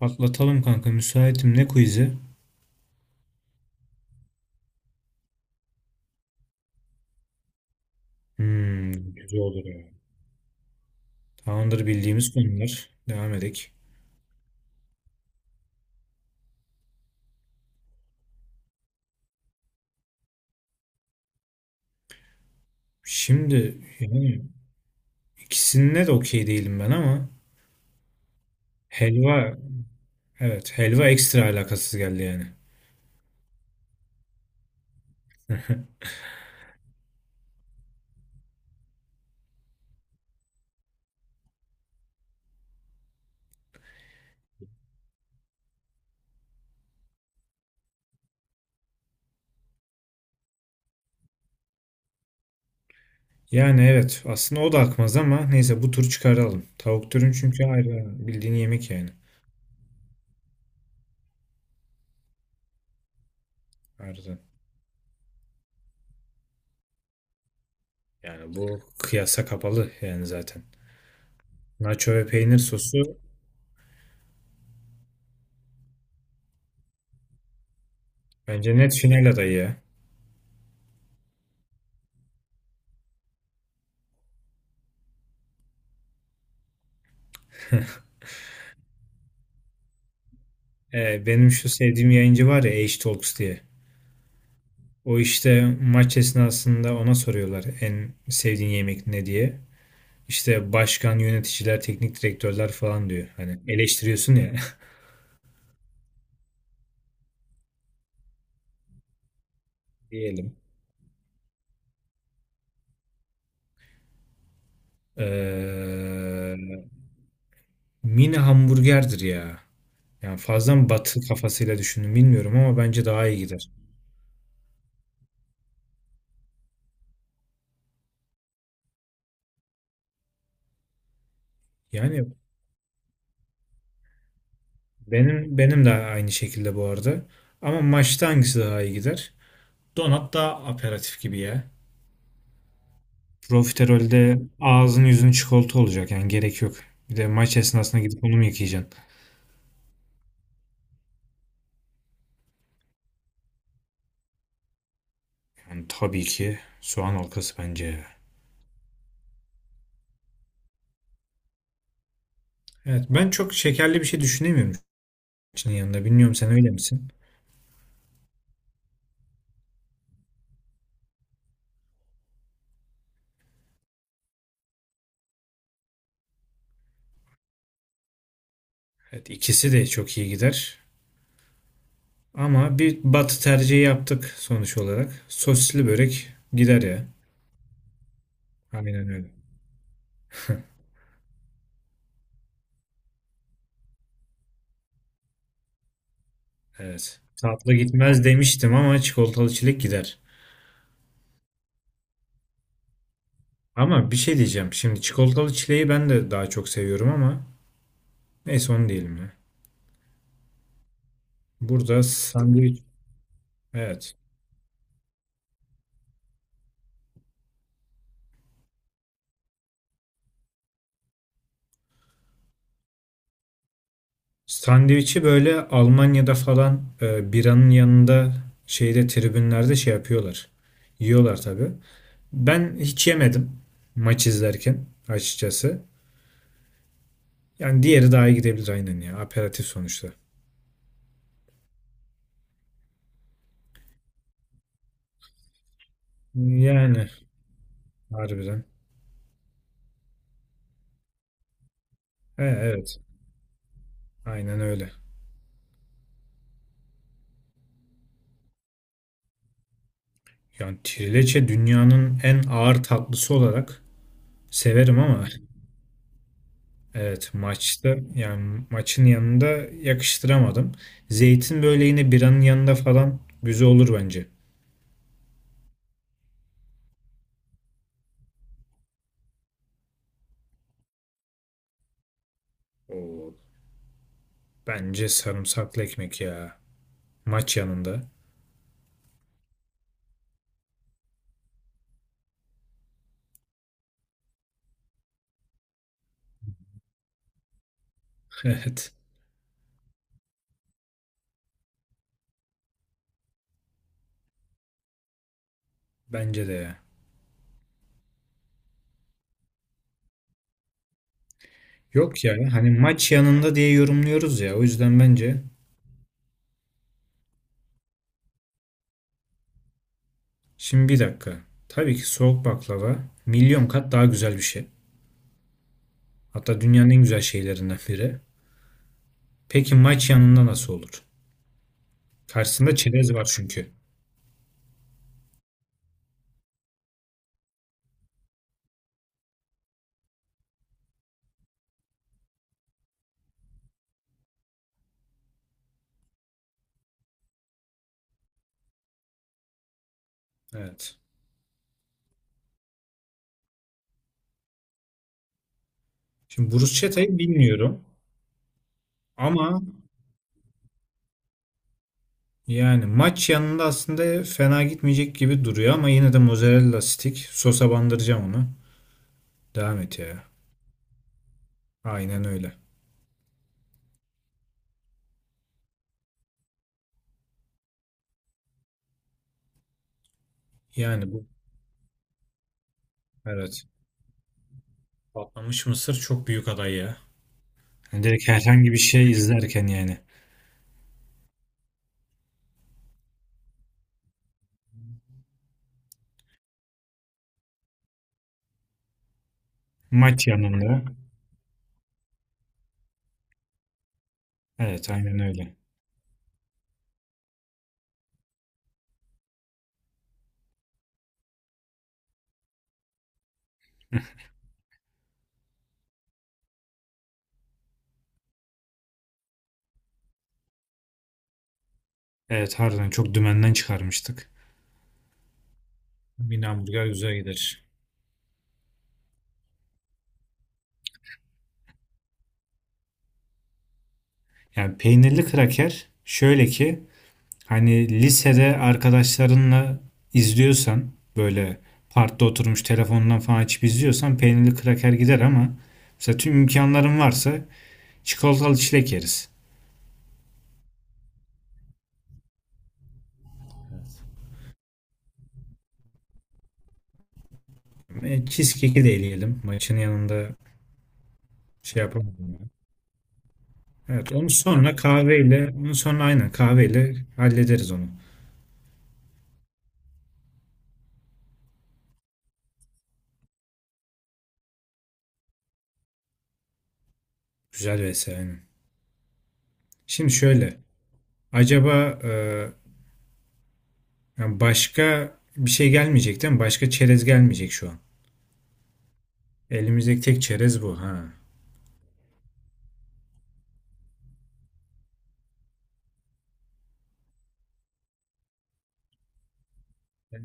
Patlatalım kanka müsaitim ne quiz'i? Güzel olur ya. Tamamdır bildiğimiz konular. Devam edek. Şimdi yani ikisinde de okey değilim ben ama helva evet helva ekstra alakasız geldi yani. Yani evet aslında o da akmaz ama neyse bu tur çıkaralım. Tavuk dürüm çünkü ayrı bildiğin yemek yani. Ayrıca. Yani bu kıyasa kapalı yani zaten. Nacho ve peynir sosu bence net final adayı ya. Benim şu sevdiğim yayıncı var ya H-Talks diye. O işte maç esnasında ona soruyorlar en sevdiğin yemek ne diye. İşte başkan, yöneticiler, teknik direktörler falan diyor. Hani eleştiriyorsun ya diyelim. Ee, mini hamburgerdir ya. Yani fazla mı batı kafasıyla düşündüm bilmiyorum ama bence daha iyi gider. Yani benim de aynı şekilde bu arada. Ama maçta hangisi daha iyi gider? Donat daha aperatif gibi ya. Profiterolde ağzın yüzün çikolata olacak yani gerek yok. Bir de maç esnasında gidip onu mu yıkayacaksın? Yani tabii ki soğan halkası bence. Evet ben çok şekerli bir şey düşünemiyorum için yanında. Bilmiyorum sen öyle misin? Evet ikisi de çok iyi gider. Ama bir batı tercihi yaptık sonuç olarak. Sosisli börek gider ya. Aynen öyle. Evet. Tatlı gitmez demiştim ama çikolatalı çilek gider. Ama bir şey diyeceğim. Şimdi çikolatalı çileği ben de daha çok seviyorum ama neyse onu diyelim ya. Burada sandviç, evet. Sandviçi böyle Almanya'da falan biranın yanında şeyde tribünlerde şey yapıyorlar. Yiyorlar tabii. Ben hiç yemedim maç izlerken açıkçası. Yani diğeri daha iyi gidebilir aynen ya. Aperatif sonuçta. Yani harbiden. E, evet. Aynen öyle. Yani trileçe dünyanın en ağır tatlısı olarak severim ama Evet maçta yani maçın yanında yakıştıramadım. Zeytin böyle yine biranın yanında falan güzel olur bence. Oo, bence sarımsaklı ekmek ya. Maç yanında. Evet bence de ya. Yok ya hani maç yanında diye yorumluyoruz ya o yüzden bence. Şimdi bir dakika. Tabii ki soğuk baklava milyon kat daha güzel bir şey. Hatta dünyanın en güzel şeylerinden biri. Peki maç yanında nasıl olur? Karşısında çerez var çünkü. Evet. Şimdi bruscheta'yı bilmiyorum. Ama yani maç yanında aslında fena gitmeyecek gibi duruyor ama yine de mozzarella stick sosa bandıracağım onu. Devam et ya. Aynen öyle. Yani bu evet. Patlamış mısır çok büyük aday ya. Yani direkt herhangi bir şey izlerken yani. Maç yanında. Evet aynen öyle. Evet harbiden çok dümenden çıkarmıştık. Bir hamburger güzel gider. Yani peynirli kraker şöyle ki hani lisede arkadaşlarınla izliyorsan böyle parkta oturmuş telefondan falan açıp izliyorsan peynirli kraker gider ama mesela tüm imkanların varsa çikolatalı çilek yeriz. Cheesecake'i de eleyelim. Maçın yanında şey yapamadım ya. Evet onu sonra kahveyle onu sonra aynen kahveyle hallederiz onu. Güzel vesaire. Aynen. Şimdi şöyle acaba yani başka bir şey gelmeyecek değil mi? Başka çerez gelmeyecek şu an. Elimizdeki tek çerez bu ha.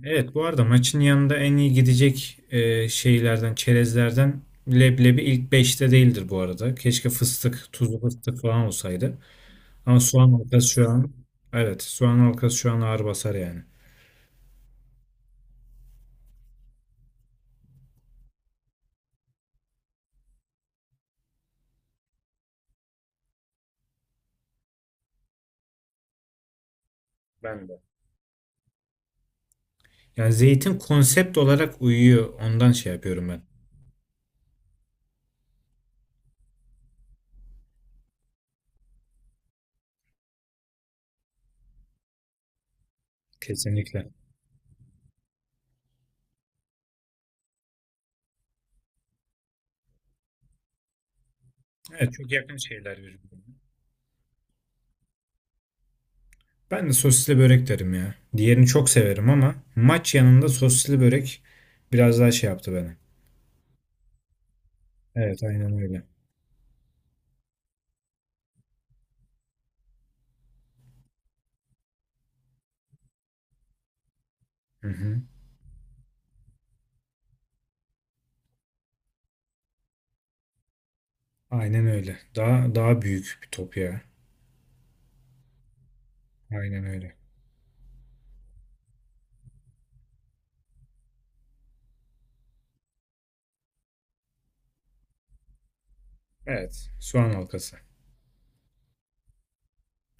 Evet bu arada maçın yanında en iyi gidecek şeylerden, çerezlerden leblebi ilk beşte değildir bu arada. Keşke fıstık, tuzlu fıstık falan olsaydı. Ama soğan halkası şu an evet soğan halkası şu an ağır basar yani. Ben de. Yani zeytin konsept olarak uyuyor. Ondan şey yapıyorum ben. Kesinlikle. Evet çok yakın şeyler birbirine. Ben de sosisli börek derim ya. Diğerini çok severim ama maç yanında sosisli börek biraz daha şey yaptı beni. Evet aynen öyle. Hı hı. Aynen öyle. Daha daha büyük bir top ya. Aynen öyle. Evet. Soğan halkası.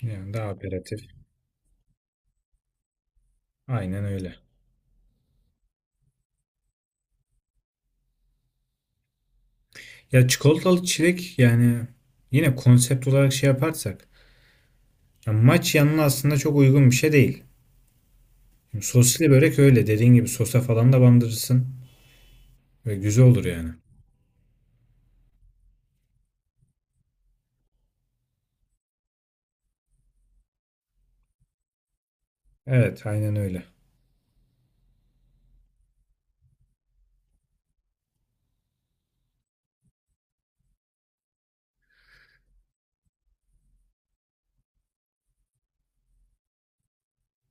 Yani daha operatif. Aynen öyle. Ya çikolatalı çilek yani yine konsept olarak şey yaparsak ya maç yanına aslında çok uygun bir şey değil. Şimdi soslu börek öyle dediğin gibi sosa falan da bandırırsın ve güzel olur yani. Evet, aynen öyle.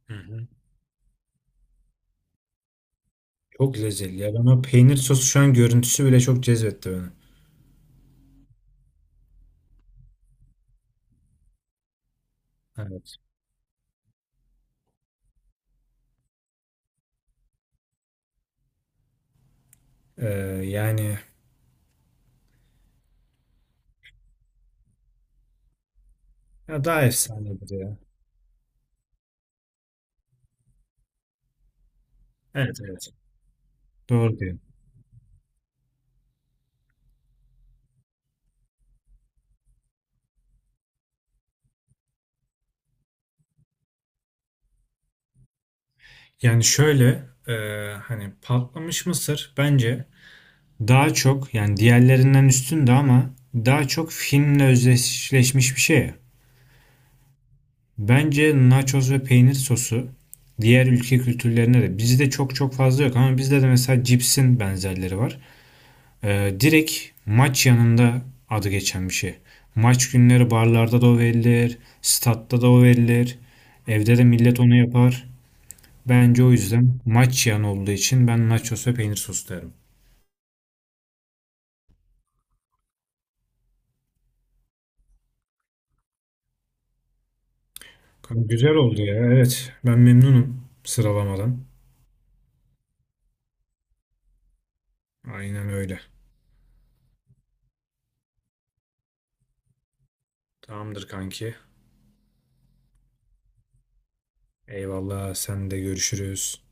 Hı hı. Çok lezzetli ya. Ben o peynir sosu şu an görüntüsü bile çok cezbetti beni. Evet. Ee, yani ya daha efsanedir ya. Evet evet. Doğru diyorsun. Yani şöyle hani patlamış mısır bence daha çok yani diğerlerinden üstündü ama daha çok finle özdeşleşmiş bir şey. Bence nachos ve peynir sosu diğer ülke kültürlerine de bizde çok çok fazla yok ama bizde de mesela cipsin benzerleri var. Direkt maç yanında adı geçen bir şey. Maç günleri barlarda da o verilir, statta da o verilir. Evde de millet onu yapar. Bence o yüzden maç yan olduğu için ben nachos ve peynir sosu derim. Kanka güzel oldu ya. Evet. Ben memnunum sıralamadan. Aynen öyle. Tamamdır kanki. Eyvallah. Sen de görüşürüz.